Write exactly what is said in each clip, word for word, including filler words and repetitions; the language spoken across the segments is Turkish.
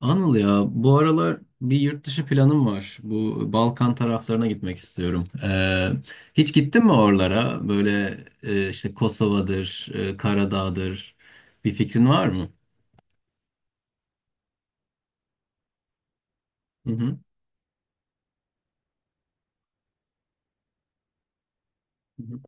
Anıl, ya bu aralar bir yurt dışı planım var. Bu Balkan taraflarına gitmek istiyorum. Ee, hiç gittin mi oralara? Böyle e, işte Kosova'dır, e, Karadağ'dır. Bir fikrin var mı? Hı hı. Hı hı.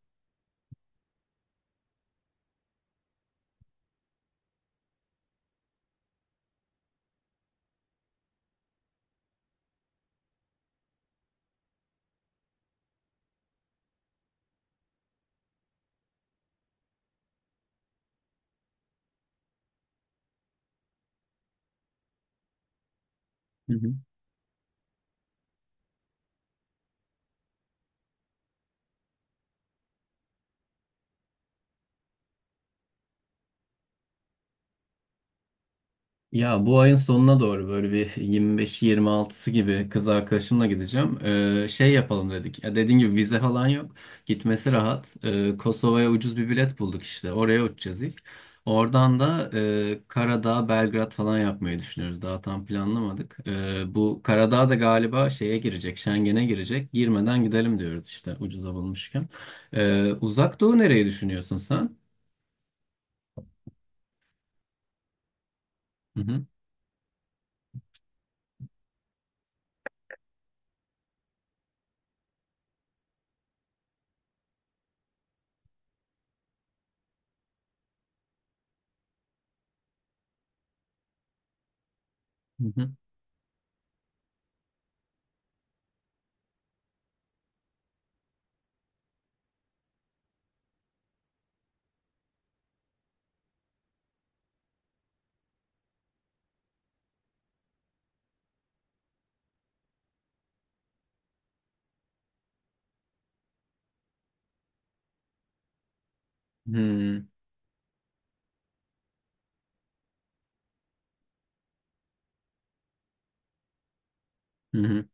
Hı hı. Ya bu ayın sonuna doğru böyle bir yirmi beş yirmi altısı gibi kız arkadaşımla gideceğim. Ee, şey yapalım dedik. Ya, dediğin gibi vize falan yok. Gitmesi rahat. Ee, Kosova'ya ucuz bir bilet bulduk işte. Oraya uçacağız ilk. Oradan da e, Karadağ, Belgrad falan yapmayı düşünüyoruz. Daha tam planlamadık. Ee, bu Karadağ da galiba şeye girecek, Schengen'e girecek. Girmeden gidelim diyoruz işte, ucuza bulmuşken. Ee, Uzak Doğu nereyi düşünüyorsun sen? Hı hı. Hı hı. Hı hı. Hı hı.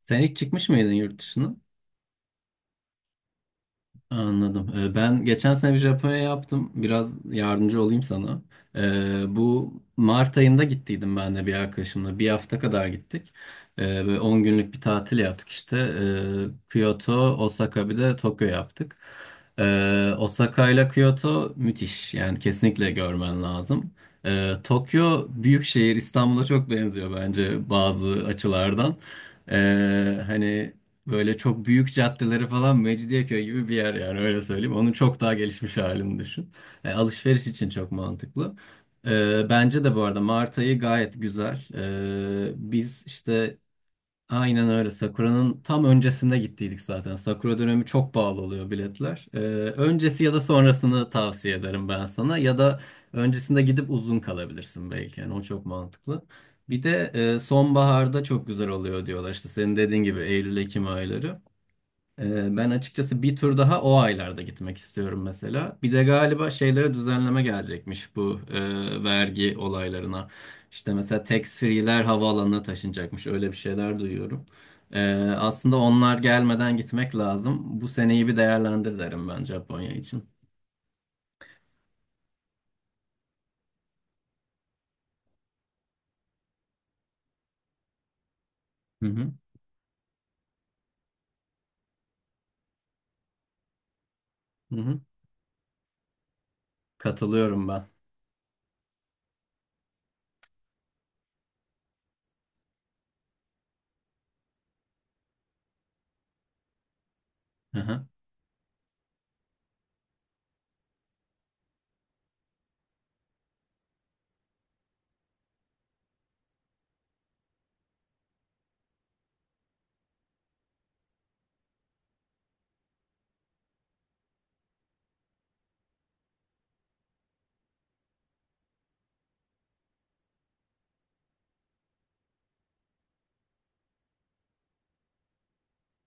Sen hiç çıkmış mıydın yurt dışına? Anladım. Ee, Ben geçen sene bir Japonya yaptım. Biraz yardımcı olayım sana. Ee, bu Mart ayında gittiydim ben de bir arkadaşımla. Bir hafta kadar gittik. Ee, böyle on günlük bir tatil yaptık işte. Ee, Kyoto, Osaka bir de Tokyo yaptık. Ee, Osaka ile Kyoto müthiş. Yani kesinlikle görmen lazım. Ee, Tokyo büyük şehir, İstanbul'a çok benziyor bence bazı açılardan. Ee, hani böyle çok büyük caddeleri falan, Mecidiyeköy gibi bir yer yani, öyle söyleyeyim. Onun çok daha gelişmiş halini düşün. E, alışveriş için çok mantıklı. E, bence de bu arada Mart ayı gayet güzel. E, biz işte aynen öyle Sakura'nın tam öncesinde gittiydik zaten. Sakura dönemi çok pahalı oluyor biletler. E, öncesi ya da sonrasını tavsiye ederim ben sana. Ya da öncesinde gidip uzun kalabilirsin belki. Yani o çok mantıklı. Bir de e, sonbaharda çok güzel oluyor diyorlar. İşte senin dediğin gibi Eylül-Ekim ayları. Ee, Ben açıkçası bir tur daha o aylarda gitmek istiyorum mesela. Bir de galiba şeylere düzenleme gelecekmiş, bu e, vergi olaylarına. İşte mesela tax free'ler havaalanına taşınacakmış. Öyle bir şeyler duyuyorum. Ee, aslında onlar gelmeden gitmek lazım. Bu seneyi bir değerlendir derim ben Japonya için. Hı hı. Hı hı. Katılıyorum ben. Hı hı.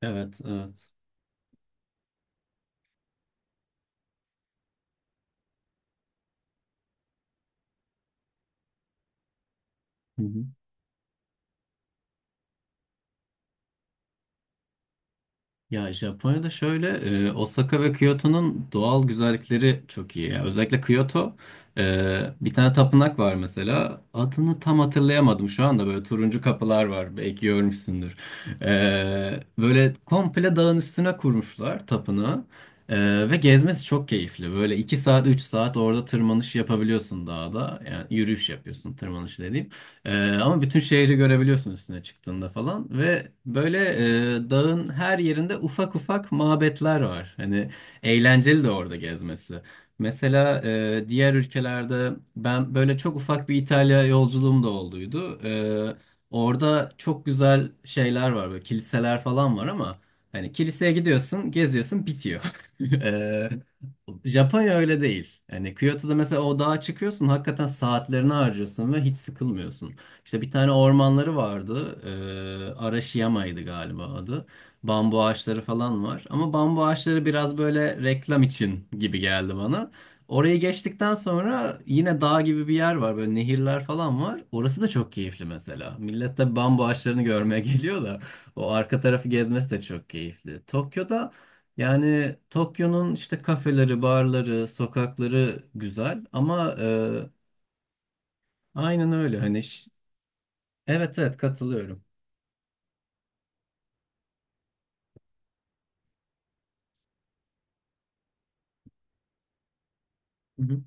Evet, evet. Hı hı. Ya Japonya'da şöyle, e, Osaka ve Kyoto'nun doğal güzellikleri çok iyi. Yani özellikle Kyoto, e, bir tane tapınak var mesela. Adını tam hatırlayamadım şu anda, böyle turuncu kapılar var, belki görmüşsündür. E, böyle komple dağın üstüne kurmuşlar tapınağı. E, ve gezmesi çok keyifli. Böyle iki saat üç saat orada tırmanış yapabiliyorsun dağda. Yani yürüyüş yapıyorsun, tırmanış dediğim. Ee, ama bütün şehri görebiliyorsun üstüne çıktığında falan, ve böyle, e, dağın her yerinde ufak ufak mabetler var. Hani eğlenceli de orada gezmesi. Mesela e, diğer ülkelerde, ben böyle çok ufak bir İtalya yolculuğum da olduydu. Ee, orada çok güzel şeyler var, böyle kiliseler falan var, ama hani kiliseye gidiyorsun, geziyorsun, bitiyor. Ee, Japonya öyle değil. Yani Kyoto'da mesela o dağa çıkıyorsun, hakikaten saatlerini harcıyorsun ve hiç sıkılmıyorsun. İşte bir tane ormanları vardı. Ee, Arashiyama'ydı galiba adı. Bambu ağaçları falan var. Ama bambu ağaçları biraz böyle reklam için gibi geldi bana. Orayı geçtikten sonra yine dağ gibi bir yer var. Böyle nehirler falan var. Orası da çok keyifli mesela. Millet de bambu ağaçlarını görmeye geliyor da, o arka tarafı gezmesi de çok keyifli. Tokyo'da, yani Tokyo'nun işte kafeleri, barları, sokakları güzel, ama e, aynen öyle hani, ş- evet, evet katılıyorum. Hı hı.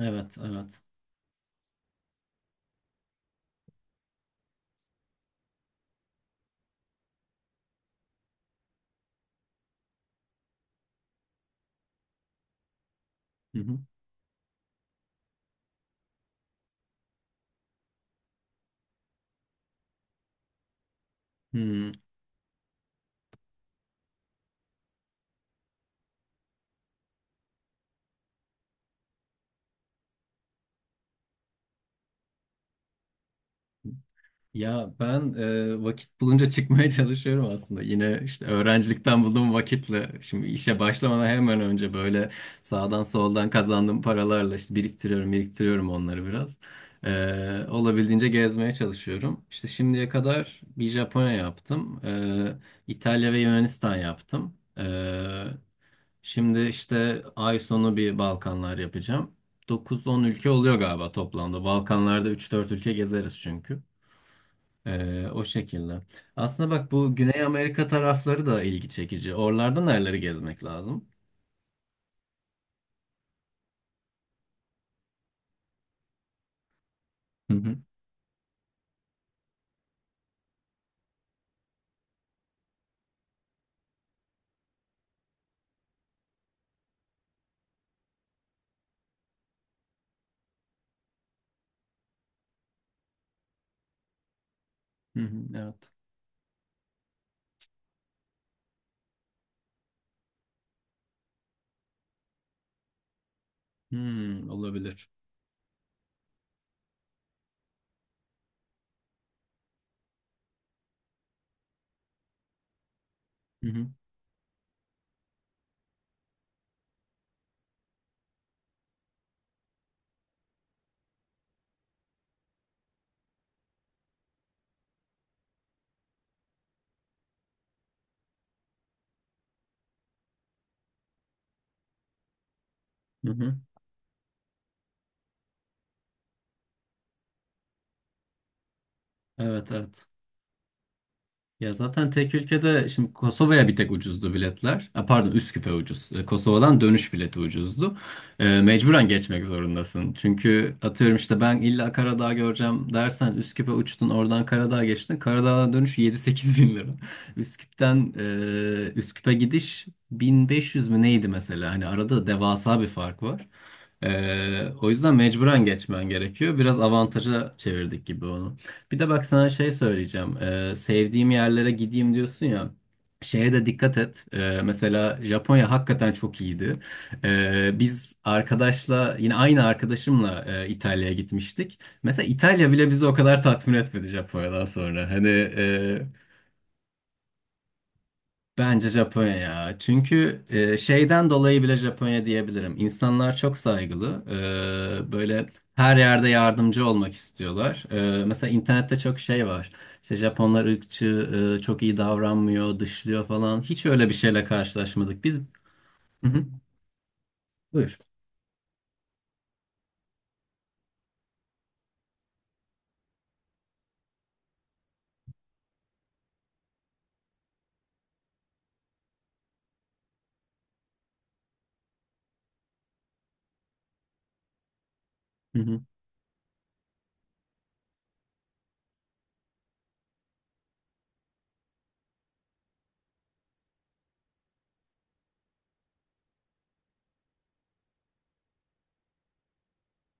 Evet, evet. Hı hı. Hmm. Ya ben e, vakit bulunca çıkmaya çalışıyorum aslında. Yine işte öğrencilikten bulduğum vakitle, şimdi işe başlamadan hemen önce, böyle sağdan soldan kazandığım paralarla işte biriktiriyorum, biriktiriyorum onları biraz. E, olabildiğince gezmeye çalışıyorum. İşte şimdiye kadar bir Japonya yaptım. E, İtalya ve Yunanistan yaptım. E, şimdi işte ay sonu bir Balkanlar yapacağım. Dokuz on ülke oluyor galiba toplamda. Balkanlarda üç dört ülke gezeriz çünkü. Ee, o şekilde. Aslında bak, bu Güney Amerika tarafları da ilgi çekici. Oralarda nereleri gezmek lazım? Hı hı. Hı hı, evet. Hmm, olabilir. Hı hı, hı hı. Evet, evet. Ya zaten tek ülkede, şimdi Kosova'ya bir tek ucuzdu biletler. Ha, pardon, Üsküp'e ucuz. E, Kosova'dan dönüş bileti ucuzdu. E, mecburen geçmek zorundasın. Çünkü, atıyorum işte, ben illa Karadağ göreceğim dersen, Üsküp'e uçtun, oradan Karadağ geçtin. Karadağ'dan dönüş yedi sekiz bin lira. Üsküp'ten, e, Üsküp'e gidiş bin beş yüz mü neydi mesela? Hani arada devasa bir fark var. E, o yüzden mecburen geçmen gerekiyor. Biraz avantaja çevirdik gibi onu. Bir de bak, sana şey söyleyeceğim. Ee, sevdiğim yerlere gideyim diyorsun ya. Şeye de dikkat et. Ee, mesela Japonya hakikaten çok iyiydi. Ee, biz arkadaşla, yine aynı arkadaşımla, e, İtalya'ya gitmiştik. Mesela İtalya bile bizi o kadar tatmin etmedi Japonya'dan sonra. Hani, e, bence Japonya ya. Çünkü, e, şeyden dolayı bile Japonya diyebilirim. İnsanlar çok saygılı. E, böyle her yerde yardımcı olmak istiyorlar. E, mesela internette çok şey var. İşte Japonlar ırkçı, e, çok iyi davranmıyor, dışlıyor falan. Hiç öyle bir şeyle karşılaşmadık. Biz... Hı hı. Buyur. Hı hı.